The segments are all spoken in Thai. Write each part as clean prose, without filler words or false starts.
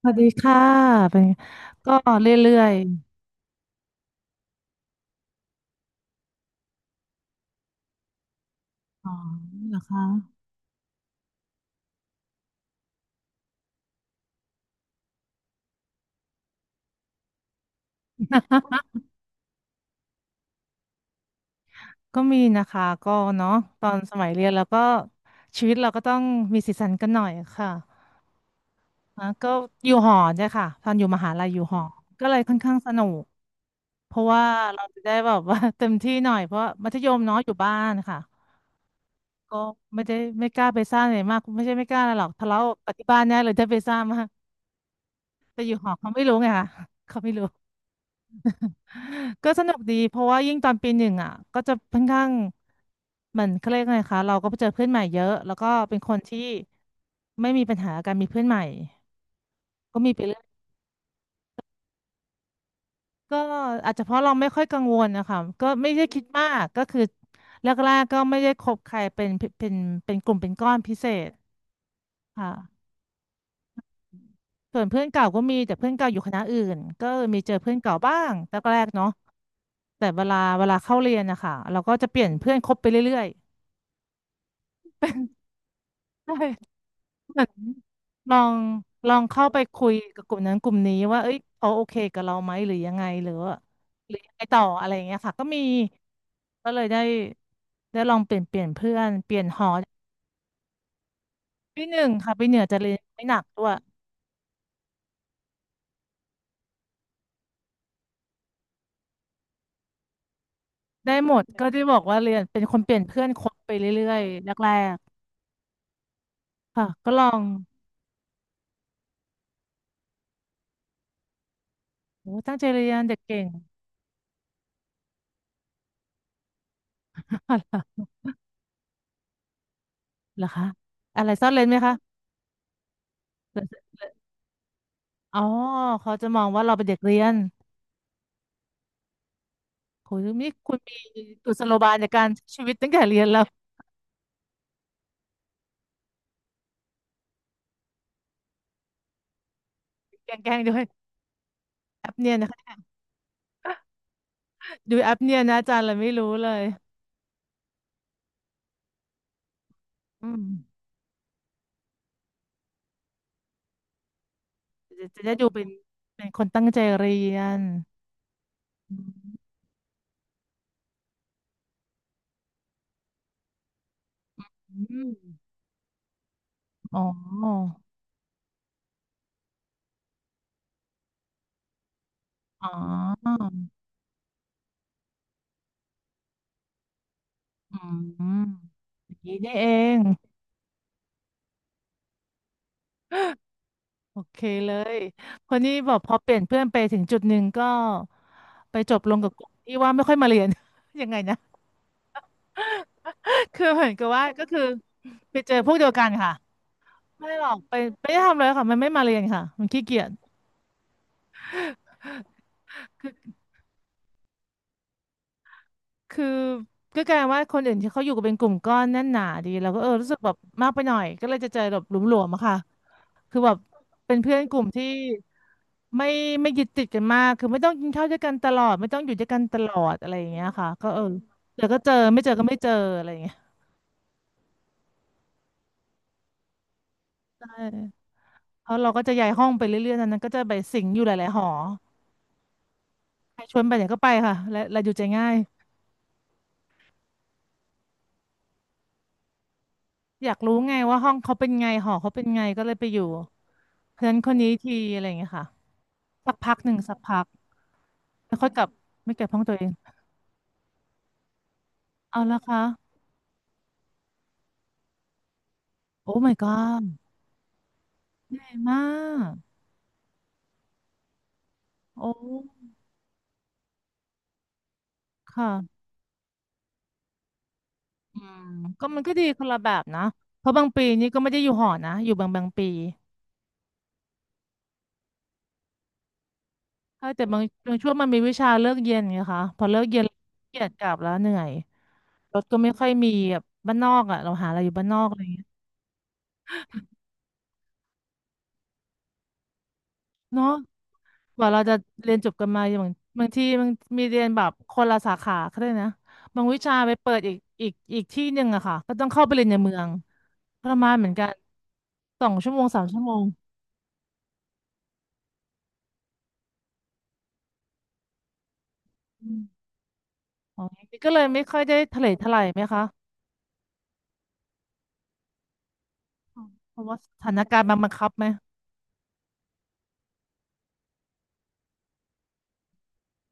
สวัสดีค่ะเป็นก็เรื่อยๆอ๋อนะคะก็มีนะคะก็เนาะตอนสมัยเรียนแล้วก็ชีวิตเราก็ต้องมีสีสันกันหน่อยค่ะนะก็อยู่หอเนี่ยค่ะตอนอยู่มหาลัยอยู่หอก็เลยค่อนข้างสนุกเพราะว่าเราจะได้แบบว่า เต็มที่หน่อยเพราะมัธยมเนาะอยู่บ้านค่ะก็ไม่ได้ไม่กล้าไปซ่าอะไรมากไม่ใช่ไม่กล้าอะไรหรอกทะเลาะกับที่บ้านแน่เลยถ้าไปซ่ามากแต่อยู่หอเขาไม่รู้ไงค่ะเขาไม่รู้ ก็สนุกดีเพราะว่ายิ่งตอนปีหนึ่งอ่ะก็จะค่อนข้างเหมือนเขาเรียกไงคะเราก็ไปเจอเพื่อนใหม่เยอะแล้วก็เป็นคนที่ไม่มีปัญหาการมีเพื่อนใหม่ก็มีไปเรื่อยก็อาจจะเพราะเราไม่ค่อยกังวลนะคะก็ไม่ได้คิดมากก็คือแรกๆก็ไม่ได้คบใครเป็นเป็นกลุ่มเป็นก้อนพิเศษค่ะส่วนเพื่อนเก่าก็มีแต่เพื่อนเก่าอยู่คณะอื่นก็มีเจอเพื่อนเก่าบ้างแรกๆเนาะแต่เวลาเข้าเรียนนะคะเราก็จะเปลี่ยนเพื่อนคบไปเรื่อยๆ เหมือนลองลองเข้าไปคุยกับกลุ่มนั้นกลุ่มนี้ว่าเอ้ยเขาโอเคกับเราไหมหรือยังไงหรือว่าหรือยังไงต่ออะไรอย่างเงี้ยค่ะก็มีก็เลยได้ลองเปลี่ยนเพื่อนเปลี่ยนหอปีหนึ่งค่ะปีเหนือจะเรียนไม่หนักด้วยได้หมดก็ที่บอกว่าเรียนเป็นคนเปลี่ยนเพื่อนคบไปเรื่อยๆแรกๆค่ะก็ลองโอ้ตั้งใจเรียนเด็กเก่ง เหรอคะอะไรซ่อนเร้นไหมคะอ๋อเขาจะมองว่าเราเป็นเด็กเรียน โหนี่คุณมีกุศโลบายในการใช้ชีวิตตั้งแต่เรียนแล้วแกล้งๆด้วยแอปเนี่ยนะ คะดูแอปเนี่ยนะอาจารย์เราไม่รู้เลยอืมจะได้ดูเป็นคนตั้งใจเรียนอืมอมอ๋ออ๋ออืมอย่างนี้นี่เองโอเคเลยคนนี้บอกพอเปลี่ยนเพื่อนไปถึงจุดหนึ่งก็ไปจบลงกับกลุ่มที่ว่าไม่ค่อยมาเรียน ยังไงนะ คือเหมือนกับว่าก็คือไปเจอพวกเดียวกันค่ะ ไม่หรอกไปไม่ได้ทำเลยค่ะมันไม่มาเรียนค่ะมันขี้เกียจคือคือก็กลายว่าคนอื่นที่เขาอยู่กันเป็นกลุ่มก้อนแน่นหนาดีเราก็เออรู้สึกแบบมากไปหน่อยก็เลยจะเจอแบบหลวมๆอะค่ะคือแบบเป็นเพื่อนกลุ่มที่ไม่ไม่ยึดติดกันมากคือไม่ต้องกินข้าวด้วยกันตลอดไม่ต้องอยู่ด้วยกันตลอดอะไรอย่างเงี้ยค่ะก็เออเจอก็เจอไม่เจอก็ไม่เจออะไรอย่างเงี้ยใช่เพราะเราก็จะย้ายห้องไปเรื่อยๆนั้นๆก็จะไปสิงอยู่หลายๆหอใครชวนไปไหนก็ไปค่ะและอยู่ใจง่าย อยากรู้ไงว่าห้องเขาเป็นไงหอเขาเป็นไงก็เลยไปอยู่เพื่อนคนนี้ทีอะไรอย่างเงี้ยค่ะสักพักหนึ่งสักพักแล้วค่อยกลับไม่เก็บห้องตัวเองเอาละคะโอ้ my god ใหญ่มากโอ้ค่ะอืมก็มันก็ดีคนละแบบนะเพราะบางปีนี่ก็ไม่ได้อยู่หอนะอยู่บางบางปีเออแต่บางบางช่วงมันมีวิชาเลิกเย็นไงคะพอเลิกเย็นเกียดกลับแล้วเหนื่อยรถก็ไม่ค่อยมีแบบบ้านนอกอ่ะเราหาอะไรอยู่บ้านนอกอะไรอย่างเงี้ยเนาะ กว่าเราจะเรียนจบกันมาอย่างบางทีมันมีเรียนแบบคนละสาขาก็ได้นะบางวิชาไปเปิดอีกที่หนึ่งอะค่ะก็ต้องเข้าไปเรียนในเมืองทระมานเหมือนกันสองชั่วโมงสามชั่วโมงอมอ๋ออย่างนี้ก็เลยไม่ค่อยได้ทะเลทลายไหมคะอ๋อเพราะว่าสถานการณ์มันบังคับไหม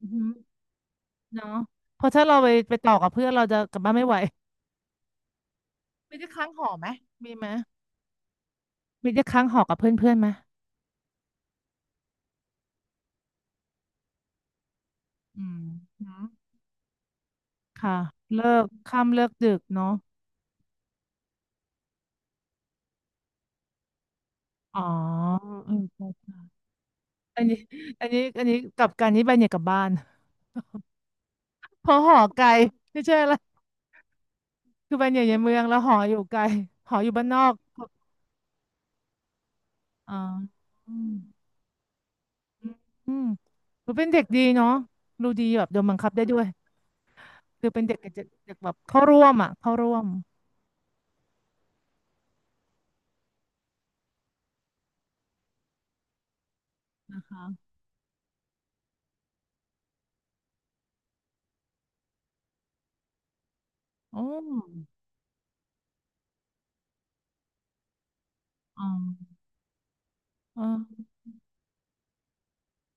อือหือเนาะเพราะถ้าเราไปต่อกับเพื่อนเราจะกลับบ้านไม่ไหวมีที่ค้างหอไหมมีไหมมีได้ค้างหอกับเพื่อนเพื่อนไหมอืมอืมค่ะเลิกค่ำเลิกดึกเนาะ อ๋อเออใช่อันนี้อันนี้กลับกันนี้ไปเนี่ยกลับบ้าน เพราะหอไกลไม่ใช่ละคือไปเนี่ยอยู่ในเมืองแล้วหออยู่ไกลหออยู่บ้านนอกอ๋ออืมอืมอืมหนูเป็นเด็กดีเนาะรู้ดีแบบโดนบังคับได้ด้วยคือเป็นเด็กเด็กเด็กแบบเข้าร่วมอ่ะเข้าร่วมนะคะโอ้อ๋ออ๋อ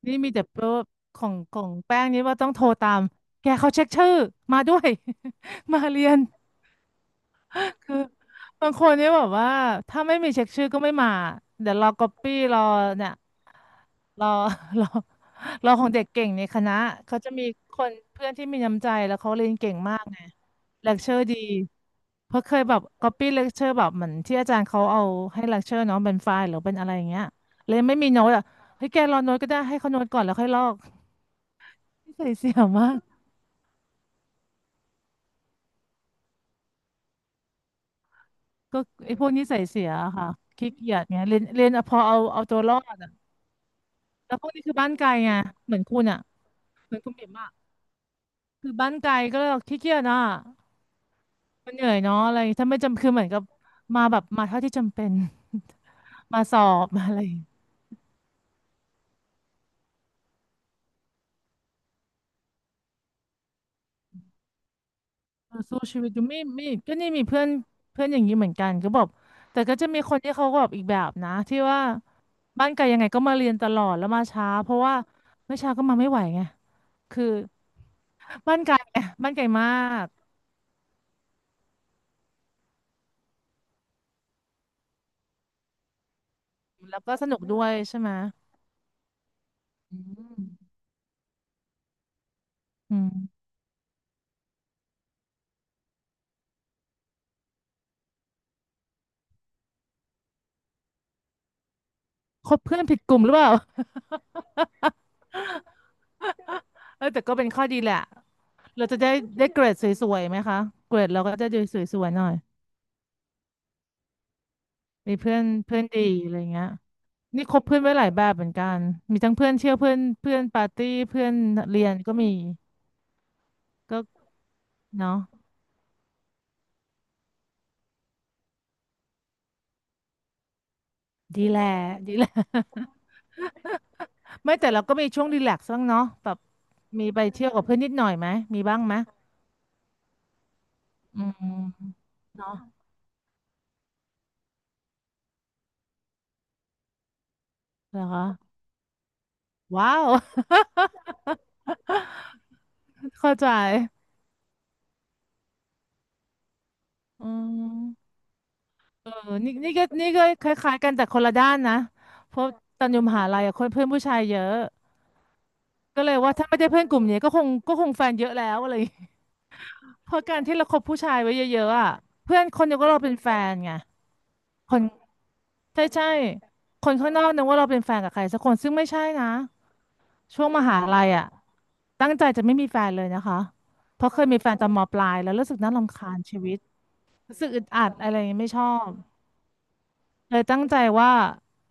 นี่มีแต่เว่าของแป้งนี้ว่าต้องโทรตาม แกเขาเช็คชื่อมาด้วย มาเรียน คือบางคนเนี่ยแบบว่าถ้าไม่มีเช็คชื่อก็ไม่มาเดี๋ยวรอก๊อปปี้รอเนี่ยรอ รอรอของเด็กเก่งในคณะเขาจะมีคนเพื่อนที่มีน้ำใจแล้วเขาเรียนเก่งมากไงเลคเชอร์ดีเพราะเคยแบบก๊อปปี้เลคเชอร์แบบเหมือนที่อาจารย์เขาเอาให้เลคเชอร์น้องเป็นไฟล์หรือเป็นอะไรอย่างเงี้ยเลยไม่มีโน้ตอ่ะเฮ้ยแกรอโน้ตก็ได้ให้เขาโน้ตก่อนแล้วค่อยลอกนิสัยเสียมากก็ไอ้พวกนิสัยเสียอะค่ะขี้เกียจเนี่ยเรียนเรียนเอาพอเอาเอาตัวรอด แล้วพวกนี้คือบ้านไกลไงเหมือนคุณอ่ะเหมือนคุณเบ่มอ่ะคือบ้านไกลก็เลยแบบขี้เกียจอ่ะมันเหนื่อยเนาะอะไรถ้าไม่จำคือเหมือนกับมาแบบมาเท่าที่จำเป็น มาสอบมาอะไรเออสู้ชีวิตอยู่ไม่ก็นี่มีเพื่อนเพื่อนอย่างนี้เหมือนกันก็บอกแต่ก็จะมีคนที่เขาก็แบบอีกแบบนะที่ว่าบ้านไกลยังไงก็มาเรียนตลอดแล้วมาช้าเพราะว่าไม่ช้าก็มาไม่ไหวไงคือบ้านไกลไงบ้านไกลมากแล้วก็สนุกด้วยใช่ไหมอืมอืมคบเพื่อนผิดกลุ่มหรือเปล่า เออแต่ก็เป็นข้อดีแหละเราจะได้ได้เกรดสวยๆไหมคะเกรดเราก็จะดูสวยๆหน่อยมีเพื่อนเพื่อนดีอะไรเงี้ยนี่คบเพื่อนไว้หลายแบบเหมือนกันมีทั้งเพื่อนเที่ยวเพื่อนเพื่อนปาร์ตี้เพื่อนเรียนก็มีก็เนาะดีแหละดีแหละ ไม่แต่เราก็มีช่วงรีแลกซ์บ้างเนาะแบบมีไปเที่ยวกับเพื่อนนิดหน่อยไหมมีบ้างไหมอืมเนาะเหรอคะว้าว เข้าใจอืม เออนี่ก็นี่ก็คล้ายๆกันแต่คนละด้านนะเพราะตอนอยู่มหาลัยอะคนเพื่อนผู้ชายเยอะก็เลยว่าถ้าไม่ได้เพื่อนกลุ่มนี้ก็คงแฟนเยอะแล้วอะไรอย่างเงี้ย เพราะการที่เราคบผู้ชายไว้เยอะๆอะเพื่อนคนเดียวก็เราเป็นแฟนไงคนใช่ใช่คนข้างนอกนึกว่าเราเป็นแฟนกับใครสักคนซึ่งไม่ใช่นะช่วงมหาลัยอะตั้งใจจะไม่มีแฟนเลยนะคะเพราะเคยมีแฟนตอนมปลายแล้วรู้สึกน่ารำคาญชีวิตรู้สึกอึดอัดอะไรอย่างเงี้ยไม่ชอบ เลยตั้งใจว่า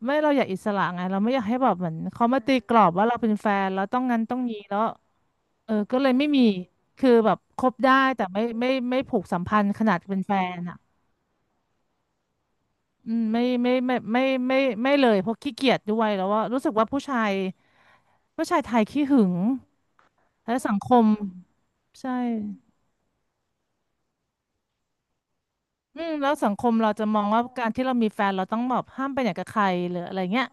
ไม่เราอยากอิสระไงเราไม่อยากให้แบบเหมือนเขามาตีกรอบว่าเราเป็นแฟนแล้วต้องงั้นต้องนี้แล้วเออก็เลยไม่มีคือแบบคบได้แต่ไม่ผูกสัมพันธ์ขนาดเป็นแฟนอ่ะอืมไม่ไม่ไม่เลยเพราะขี้เกียจด้วยแล้วว่ารู้สึกว่าผู้ชายไทยขี้หึงและสังคมใช่อืมแล้วสังคมเราจะมองว่าการที่เรามีแฟนเราต้องแบบห้ามไปไหนกับใครหรืออะไรเงี้ย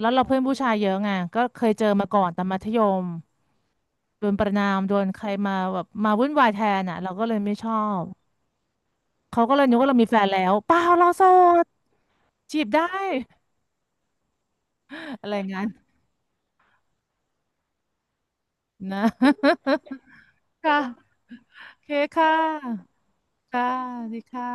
แล้วเราเพื่อนผู้ชายเยอะไงก็เคยเจอมาก่อนตอนมัธยม โดนประณามโดนใครมาแบบมาวุ่นวายแทนอ่ะเราก็เลยไม่ชอบเขาก็เลยนึกว่าเรามีแฟนแล้วเปล่าเราโสดจีบได้ อะไรงั้นนะ ค่ะโอเคค่ะค่ะสวัสดีค่ะ